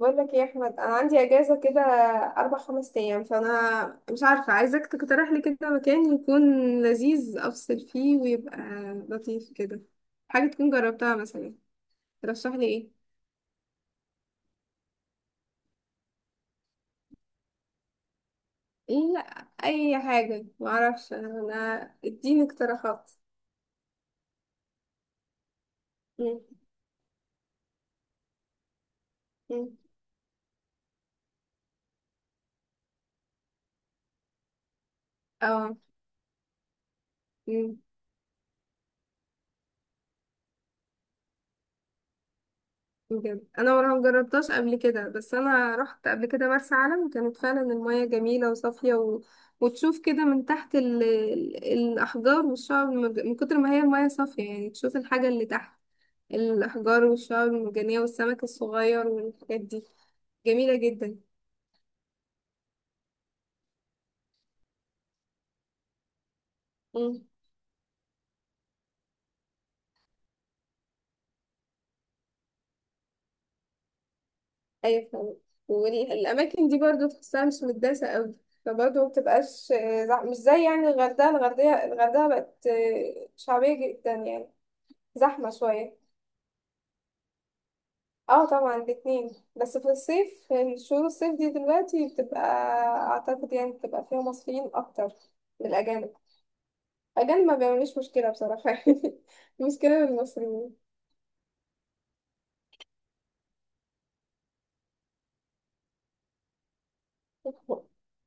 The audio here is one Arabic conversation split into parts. بقول لك يا احمد، انا عندي اجازه كده اربع خمس ايام، فانا مش عارفه. عايزاك تقترح لي كده مكان يكون لذيذ، افصل فيه ويبقى لطيف كده، حاجه تكون جربتها مثلا. ترشح لي ايه؟ لا، اي حاجه، ما اعرفش انا، اديني اقتراحات. مم. مم. اه، بجد انا ما جربتهاش قبل كده، بس انا رحت قبل كده مرسى علم، كانت فعلا المياه جميله وصافيه وتشوف كده من تحت الاحجار والشعب من كتر ما هي المياه صافيه، يعني تشوف الحاجه اللي تحت الاحجار والشعب المرجانيه والسمك الصغير والحاجات دي. جميله جدا. امم. ايوه فعلا، والاماكن دي برضو تحسها مش متداسه قوي، فبرضه ما بتبقاش مش زي يعني الغردقه. الغردقه بقت شعبيه جدا يعني، زحمه شويه. اه طبعا الاتنين، بس في الصيف، في شهور الصيف دي دلوقتي بتبقى، اعتقد يعني بتبقى فيها مصريين اكتر من الاجانب. الاجانب ما بيعملوش مشكله بصراحه يعني، المشكله من المصريين.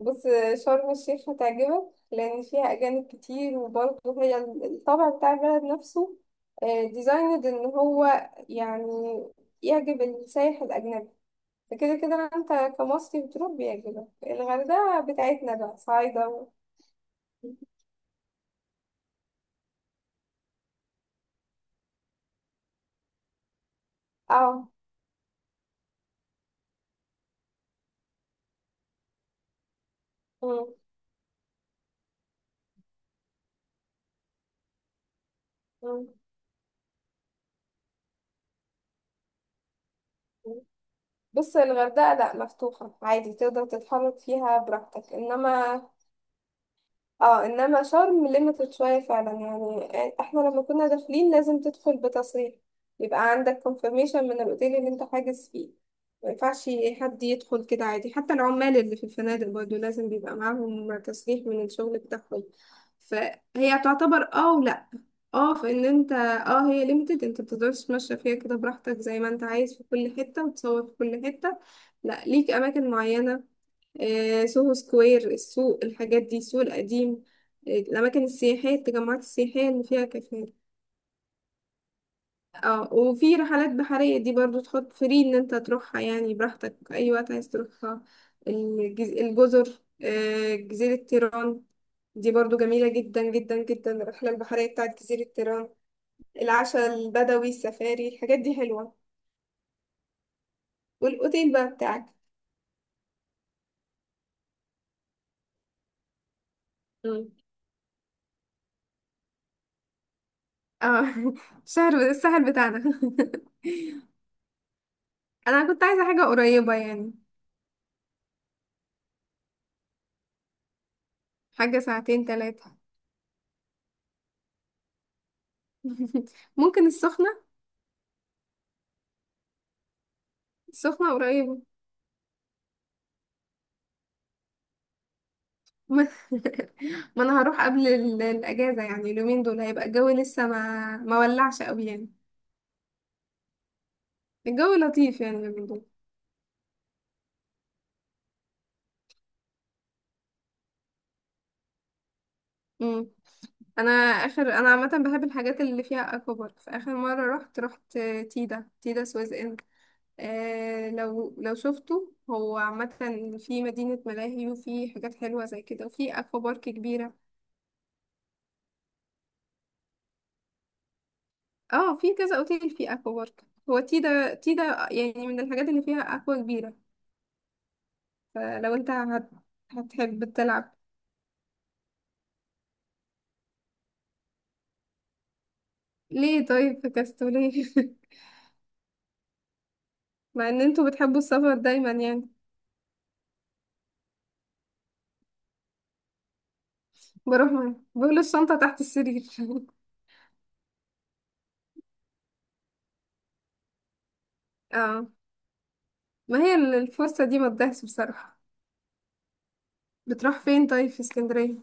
بص، شرم الشيخ هتعجبك، لان فيها اجانب كتير، وبرضه هي الطابع بتاع البلد نفسه ديزايند ان هو يعني يعجب السائح الاجنبي، فكده كده انت كمصري بتروح بيعجبك الغردقه بتاعتنا بقى، صعيدة اه. مم. مم. بص، الغردقة لا، مفتوحة عادي، تقدر تتحرك فيها براحتك. انما اه، انما شرم ليميتد شويه فعلا، يعني احنا لما كنا داخلين لازم تدخل بتصريح، يبقى عندك كونفirmation من الاوتيل اللي انت حاجز فيه. ما ينفعش حد يدخل كده عادي، حتى العمال اللي في الفنادق برضه لازم بيبقى معاهم تصريح من الشغل بتاعهم. فهي تعتبر، ولا؟ اه فان انت، هي ليميتد، انت بتقدرش تمشى فيها كده براحتك زي ما انت عايز في كل حته وتصور في كل حته، لا، ليك اماكن معينه. سوهو سكوير، السوق، الحاجات دي، السوق القديم، الأماكن السياحية، التجمعات السياحية اللي فيها كافيهات. اه، وفي رحلات بحرية دي برضو تحط فري، إن أنت تروحها يعني براحتك أي وقت عايز تروحها. الجزر، جزيرة تيران، دي برضو جميلة جدا جدا جدا، الرحلة البحرية بتاعت جزيرة تيران. العشاء البدوي، السفاري، الحاجات دي حلوة. والأوتيل بقى بتاعك. مم. اه شهر السهل بتاعنا انا كنت عايزة حاجة قريبة يعني، حاجة ساعتين تلاتة. ممكن السخنة، السخنة قريبة. ما ما انا هروح قبل الاجازة، يعني اليومين دول هيبقى الجو لسه ما ولعش قوي يعني. الجو لطيف يعني اليومين دول. امم. انا اخر، انا عامة بحب الحاجات اللي فيها اكوا بارك، فاخر مرة رحت تيدا تيدا سويس ان. آه، لو شفته هو عامة، في مدينة ملاهي وفي حاجات حلوة زي كده وفي اكوا بارك كبيرة. اه، في كذا اوتيل فيه اكوا بارك، هو تيدا تيدا يعني، من الحاجات اللي فيها اكوا كبيرة. فلو انت هتحب تلعب، ليه طيب؟ في كاستوليه. مع ان انتوا بتحبوا السفر دايما يعني، بروح معاه بقول الشنطة تحت السرير. اه، ما هي الفرصة دي ما تضيعش بصراحة. بتروح فين طيب في اسكندرية؟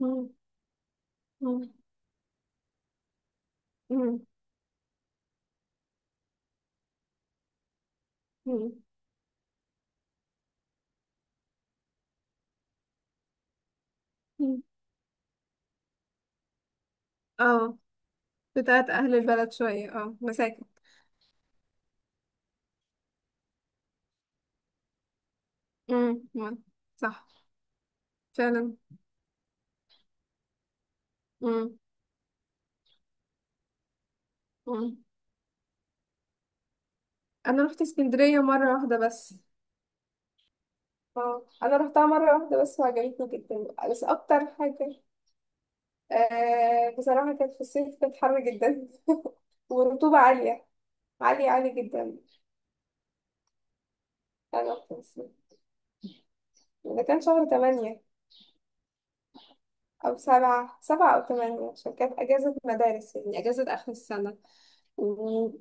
مم، مم، مم، مم، مم. اه، بتاعت اهل البلد شوية، اه، مساكن. مم، مم. صح، فعلا. مم، مم. انا رحت اسكندريه مره واحده بس. اه، انا رحتها مره واحده بس وعجبتني جدا، بس اكتر حاجه، آه بصراحه كانت في الصيف، كانت حر جدا والرطوبه عاليه، عاليه عاليه جدا. انا رحت في الصيف، ده كان شهر 8 او سبعة او 8، عشان كانت اجازه مدارس يعني، اجازه اخر السنه. ونار.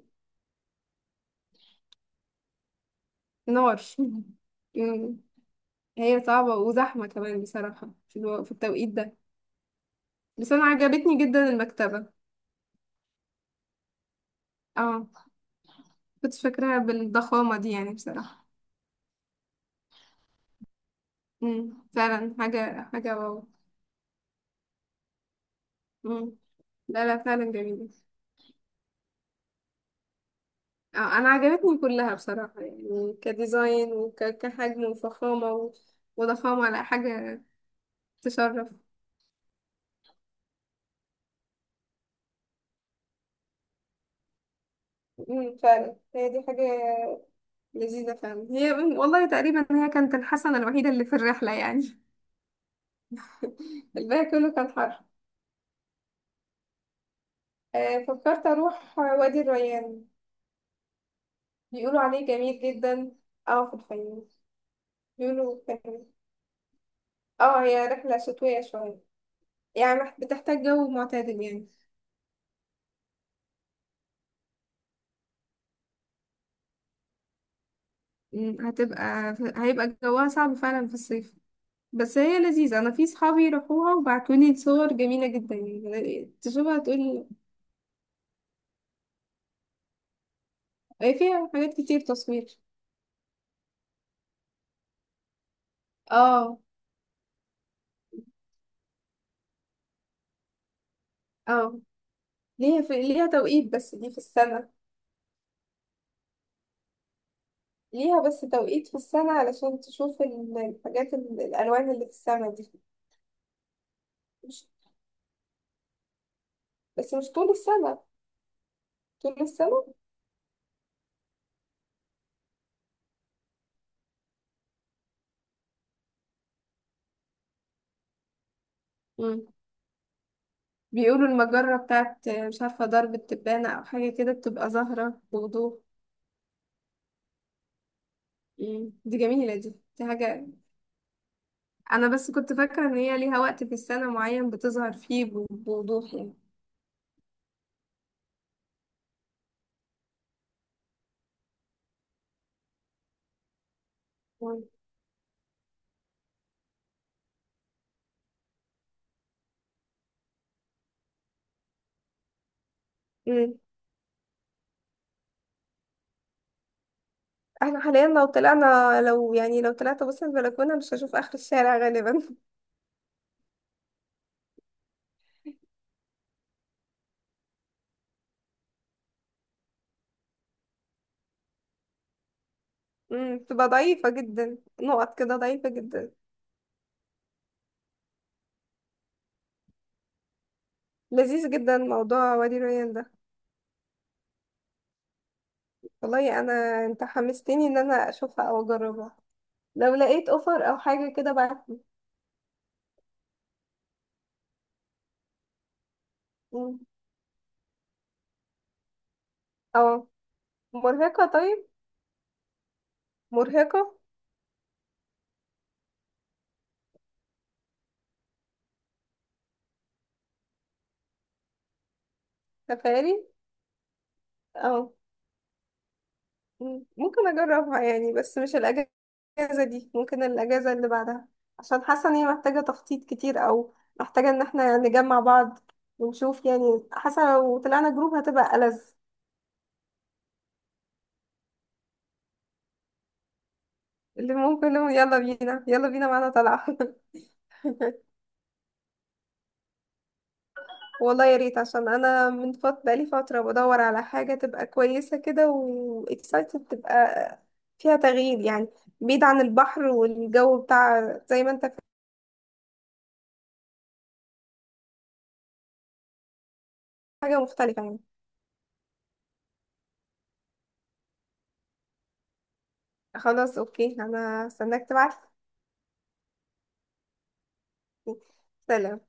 أمم. هي صعبه وزحمه كمان بصراحه في في التوقيت ده. بس انا عجبتني جدا المكتبه. اه، كنت فاكراها بالضخامة دي يعني بصراحة. امم، فعلا حاجة حاجة واو. امم. لا لا، فعلا جميلة. أنا عجبتني كلها بصراحة، يعني كديزاين وكحجم وفخامة و-، وضخامة، لا، حاجة تشرف. امم، فعلا هي دي حاجة لذيذة فعلا هي، مم، والله تقريبا هي كانت الحسنة الوحيدة اللي في الرحلة يعني. الباقي كله كان حر. فكرت أروح وادي الريان، بيقولوا عليه جميل جدا. اه، في الفيوم. بيقولوا كان، اه، هي رحلة شتوية شوية يعني، بتحتاج جو معتدل يعني. مم، هيبقى جوها صعب فعلا في الصيف، بس هي لذيذة، أنا في صحابي راحوها وبعتولي صور جميلة جدا يعني، تشوفها تقول، هي فيها حاجات كتير تصوير. اه. اه، ليها ليها توقيت بس دي في السنة. ليها بس توقيت في السنة علشان تشوف الحاجات، الألوان اللي في السماء دي. مش... بس مش طول السنة. طول السنة؟ بيقولوا المجرة بتاعت، مش عارفة، درب التبانة أو حاجة كده، بتبقى ظاهرة بوضوح. مم، دي جميلة، دي حاجة. أنا بس كنت فاكرة إن هي ليها وقت في السنة معين بتظهر فيه بوضوح يعني. مم. مم. احنا حاليا لو طلعنا، لو يعني لو طلعت بص البلكونة مش هشوف آخر الشارع غالبا. مم. بتبقى ضعيفة جدا، نقط كده ضعيفة جدا. لذيذ جدا موضوع وادي ريان ده. والله أنا أنت حمستني إن أنا أشوفها أو أجربها، لو لقيت أوفر أو حاجة كده بعتلي. مم. اه. مرهقة طيب؟ مرهقة. سفاري. اه، ممكن اجربها يعني، بس مش الاجازة دي، ممكن الاجازة اللي بعدها، عشان حاسة ان هي محتاجة تخطيط كتير، او محتاجة ان احنا نجمع بعض ونشوف، يعني حاسة لو طلعنا جروب هتبقى ألذ، اللي ممكن نقول يلا بينا يلا بينا معانا طلعة. والله يا ريت، عشان انا من بقالي فتره بدور على حاجه تبقى كويسه كده، واكسايتد تبقى فيها تغيير يعني، بعيد عن البحر والجو بتاع زي ما انت في. حاجه مختلفه يعني. خلاص اوكي، انا هستناك تبعت. سلام.